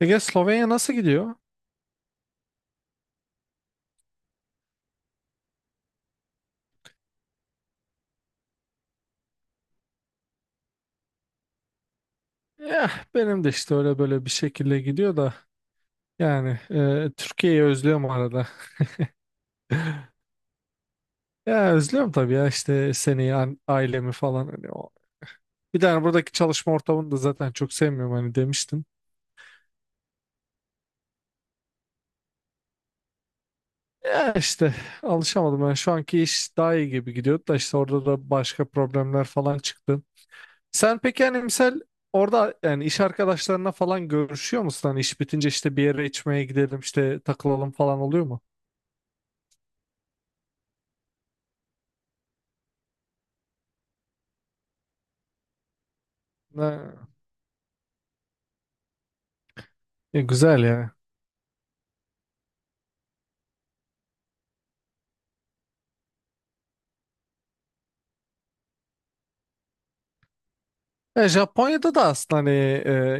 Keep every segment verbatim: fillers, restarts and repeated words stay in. Ege Slovenya nasıl gidiyor? Eh, benim de işte öyle böyle bir şekilde gidiyor da yani e, Türkiye'yi özlüyorum arada. Ya özlüyorum tabii ya işte seni, an- ailemi falan hani o. Bir tane buradaki çalışma ortamını da zaten çok sevmiyorum hani demiştim. Ya işte alışamadım ben şu anki iş daha iyi gibi gidiyordu da işte orada da başka problemler falan çıktı. Sen peki hani misal orada yani iş arkadaşlarına falan görüşüyor musun? Hani iş bitince işte bir yere içmeye gidelim işte takılalım falan oluyor mu? Ne? E, güzel ya. E, Japonya'da da aslında hani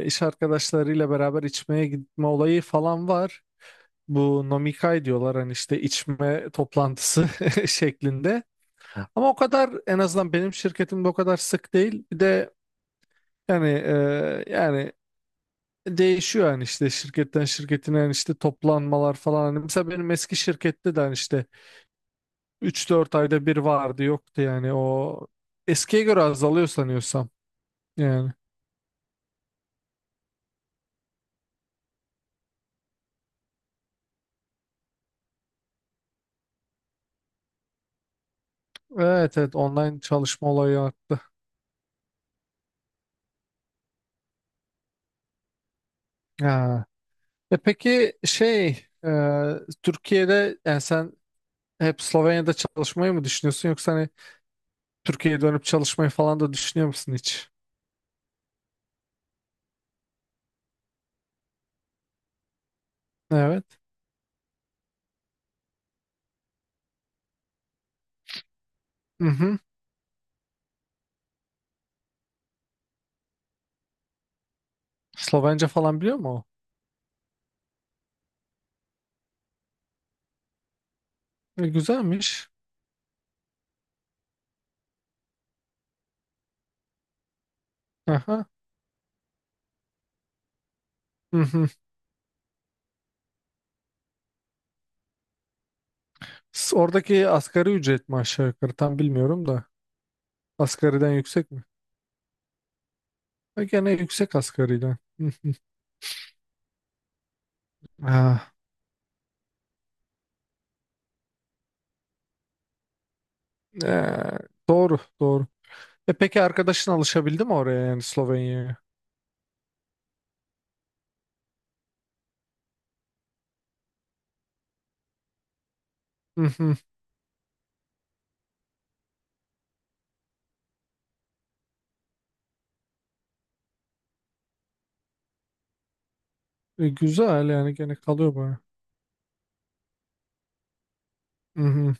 e, iş arkadaşlarıyla beraber içmeye gitme olayı falan var. Bu nomikai diyorlar hani işte içme toplantısı şeklinde. Ama o kadar en azından benim şirketimde o kadar sık değil. Bir de yani e, yani değişiyor yani işte şirketten şirketine yani işte toplanmalar falan. Hani mesela benim eski şirkette de hani işte üç dört ayda bir vardı yoktu yani o eskiye göre azalıyor sanıyorsam yani. Evet, evet, online çalışma olayı arttı. Ha. E peki şey e, Türkiye'de yani sen hep Slovenya'da çalışmayı mı düşünüyorsun yoksa hani Türkiye'ye dönüp çalışmayı falan da düşünüyor musun hiç? Evet. Hı hı. Slovence falan biliyor mu o? E, güzelmiş. Aha. Hı hı. S- Oradaki asgari ücret mi aşağı yukarı tam bilmiyorum da. Asgariden yüksek mi? E, gene yüksek asgariden. Hı hı. Ha. E, doğru doğru. E peki arkadaşın alışabildi mi oraya yani Slovenya'ya? Hı hı. E, güzel yani gene kalıyor baya. Hı hı.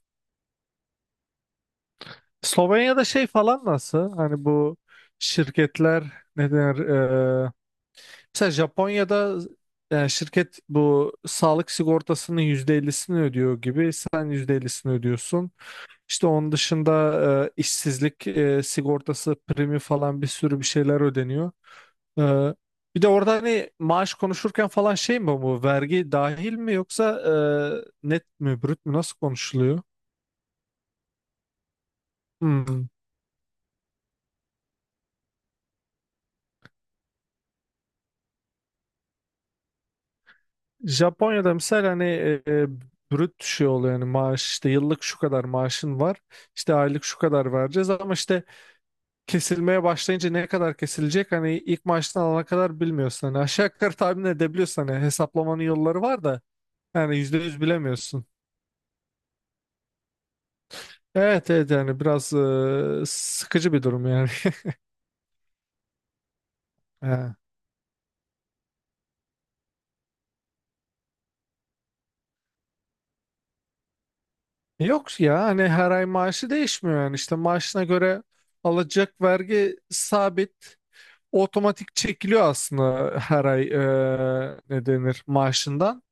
Slovenya'da şey falan nasıl? Hani bu şirketler ne denir? E, mesela Japonya'da yani şirket bu sağlık sigortasının yüzde ellisini ödüyor gibi sen yüzde ellisini ödüyorsun. İşte onun dışında e, işsizlik e, sigortası primi falan bir sürü bir şeyler ödeniyor. E, bir de orada hani maaş konuşurken falan şey mi bu vergi dahil mi yoksa e, net mi brüt mü nasıl konuşuluyor? Hmm. Japonya'da mesela hani e, e, brüt şey oluyor yani maaş işte yıllık şu kadar maaşın var işte aylık şu kadar vereceğiz ama işte kesilmeye başlayınca ne kadar kesilecek hani ilk maaştan alana kadar bilmiyorsun hani aşağı yukarı tahmin edebiliyorsun hani hesaplamanın yolları var da yani yüzde yüz bilemiyorsun. Evet, evet, yani biraz e, sıkıcı bir durum yani. Ha. Yok ya hani her ay maaşı değişmiyor yani işte maaşına göre alacak vergi sabit otomatik çekiliyor aslında her ay eee, ne denir maaşından.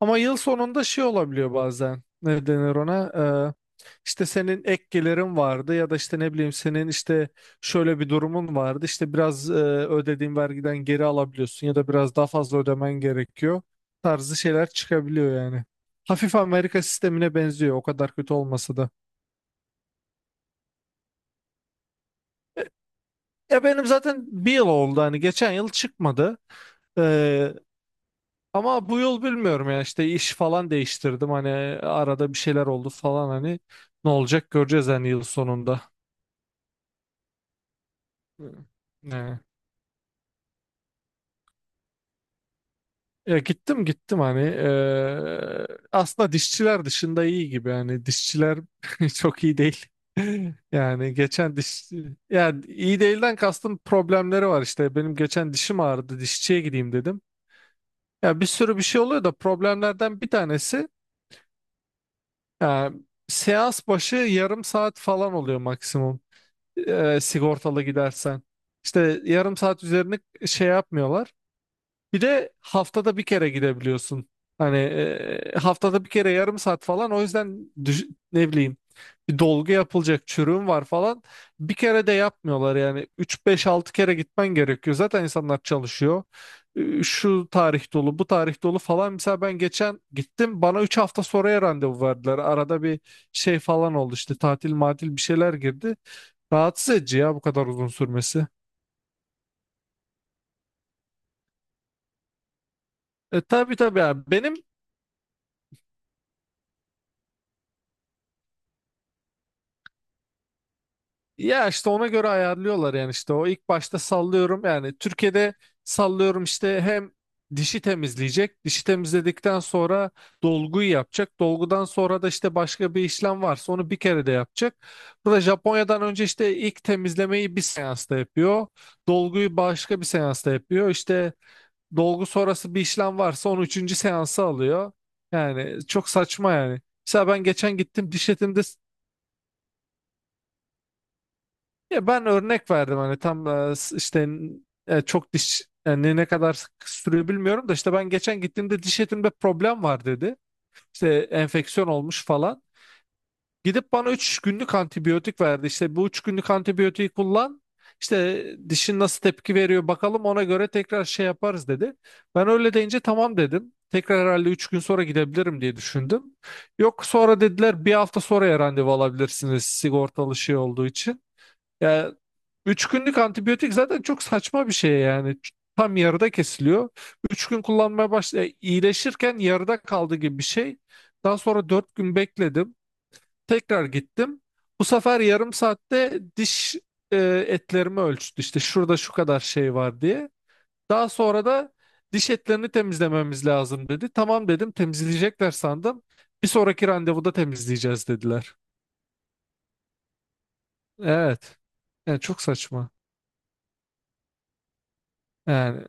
Ama yıl sonunda şey olabiliyor bazen ne denir ona eee, işte senin ek gelirin vardı ya da işte ne bileyim senin işte şöyle bir durumun vardı işte biraz eee, ödediğin vergiden geri alabiliyorsun ya da biraz daha fazla ödemen gerekiyor tarzı şeyler çıkabiliyor yani. Hafif Amerika sistemine benziyor o kadar kötü olmasa da. Ya benim zaten bir yıl oldu hani geçen yıl çıkmadı. Ama bu yıl bilmiyorum ya işte iş falan değiştirdim hani arada bir şeyler oldu falan hani ne olacak göreceğiz hani yıl sonunda. Hı. Ne? Ya gittim, gittim, hani eee, aslında dişçiler dışında iyi gibi hani dişçiler çok iyi değil. Yani geçen diş yani iyi değilden kastım problemleri var işte benim geçen dişim ağrıdı dişçiye gideyim dedim. Ya bir sürü bir şey oluyor da problemlerden bir tanesi ya, seans başı yarım saat falan oluyor maksimum. E, sigortalı gidersen. İşte yarım saat üzerine şey yapmıyorlar. Bir de haftada bir kere gidebiliyorsun. Hani e, haftada bir kere yarım saat falan. O yüzden düş- ne bileyim bir dolgu yapılacak çürüğün var falan. Bir kere de yapmıyorlar yani. Üç beş altı kere gitmen gerekiyor. Zaten insanlar çalışıyor. E, şu tarih dolu, bu tarih dolu falan. Mesela ben geçen gittim. Bana üç hafta sonraya randevu verdiler. Arada bir şey falan oldu işte tatil matil bir şeyler girdi. Rahatsız edici ya bu kadar uzun sürmesi. E tabii, tabii, yani benim ya işte ona göre ayarlıyorlar yani işte o ilk başta sallıyorum yani Türkiye'de sallıyorum işte hem dişi temizleyecek dişi temizledikten sonra dolguyu yapacak dolgudan sonra da işte başka bir işlem varsa onu bir kere de yapacak. Burada Japonya'dan önce işte ilk temizlemeyi bir seansta yapıyor dolguyu başka bir seansta yapıyor işte dolgu sonrası bir işlem varsa onu üçüncü seansa alıyor. Yani çok saçma yani. Mesela ben geçen gittim diş etimde ya ben örnek verdim hani tam e, s- işte e, çok diş yani ne kadar sık sürüyor bilmiyorum da işte ben geçen gittiğimde diş etimde problem var dedi. İşte enfeksiyon olmuş falan. Gidip bana üç günlük antibiyotik verdi. İşte bu üç günlük antibiyotiği kullan. İşte dişin nasıl tepki veriyor bakalım ona göre tekrar şey yaparız dedi. Ben öyle deyince tamam dedim. Tekrar herhalde üç gün sonra gidebilirim diye düşündüm. Yok sonra dediler bir hafta sonraya randevu alabilirsiniz sigortalı şey olduğu için. Yani üç günlük antibiyotik zaten çok saçma bir şey yani. Tam yarıda kesiliyor. Üç gün kullanmaya başla iyileşirken yarıda kaldı gibi bir şey. Daha sonra dört gün bekledim. Tekrar gittim. Bu sefer yarım saatte diş e, etlerimi ölçtü. İşte şurada şu kadar şey var diye. Daha sonra da diş etlerini temizlememiz lazım dedi. Tamam dedim temizleyecekler sandım. Bir sonraki randevuda temizleyeceğiz dediler. Evet. Yani çok saçma. Yani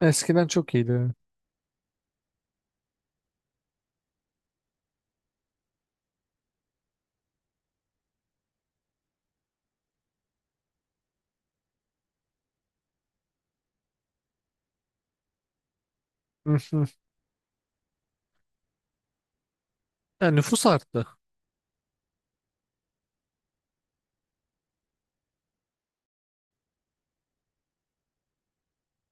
eskiden çok iyiydi. Hı hı. Yani nüfus arttı.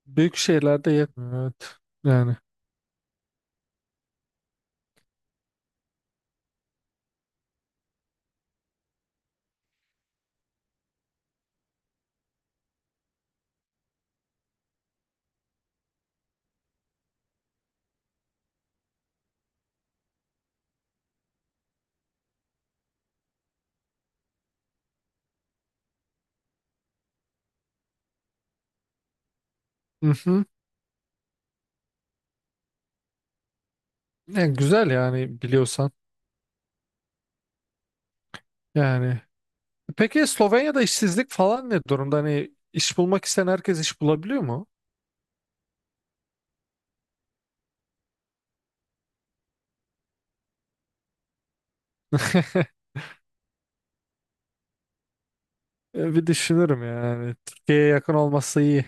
Büyük şehirlerde yetmiyor. Evet. Yani. Hı hı. Yani güzel yani biliyorsan. Yani. Peki Slovenya'da işsizlik falan ne durumda? Hani iş bulmak isteyen herkes iş bulabiliyor mu? Bir düşünürüm yani. Türkiye'ye yakın olması iyi.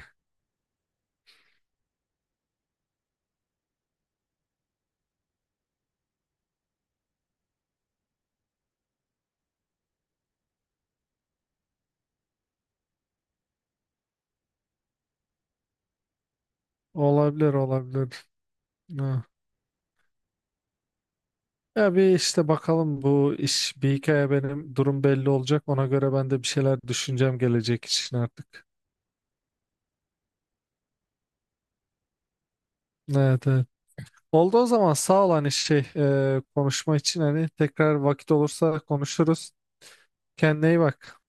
Olabilir, olabilir. Ha. Ya bir işte bakalım bu iş bir hikaye benim durum belli olacak. Ona göre ben de bir şeyler düşüneceğim gelecek için artık. Evet, evet. Oldu o zaman sağ ol hani şey e, konuşma için hani tekrar vakit olursa konuşuruz. Kendine iyi bak.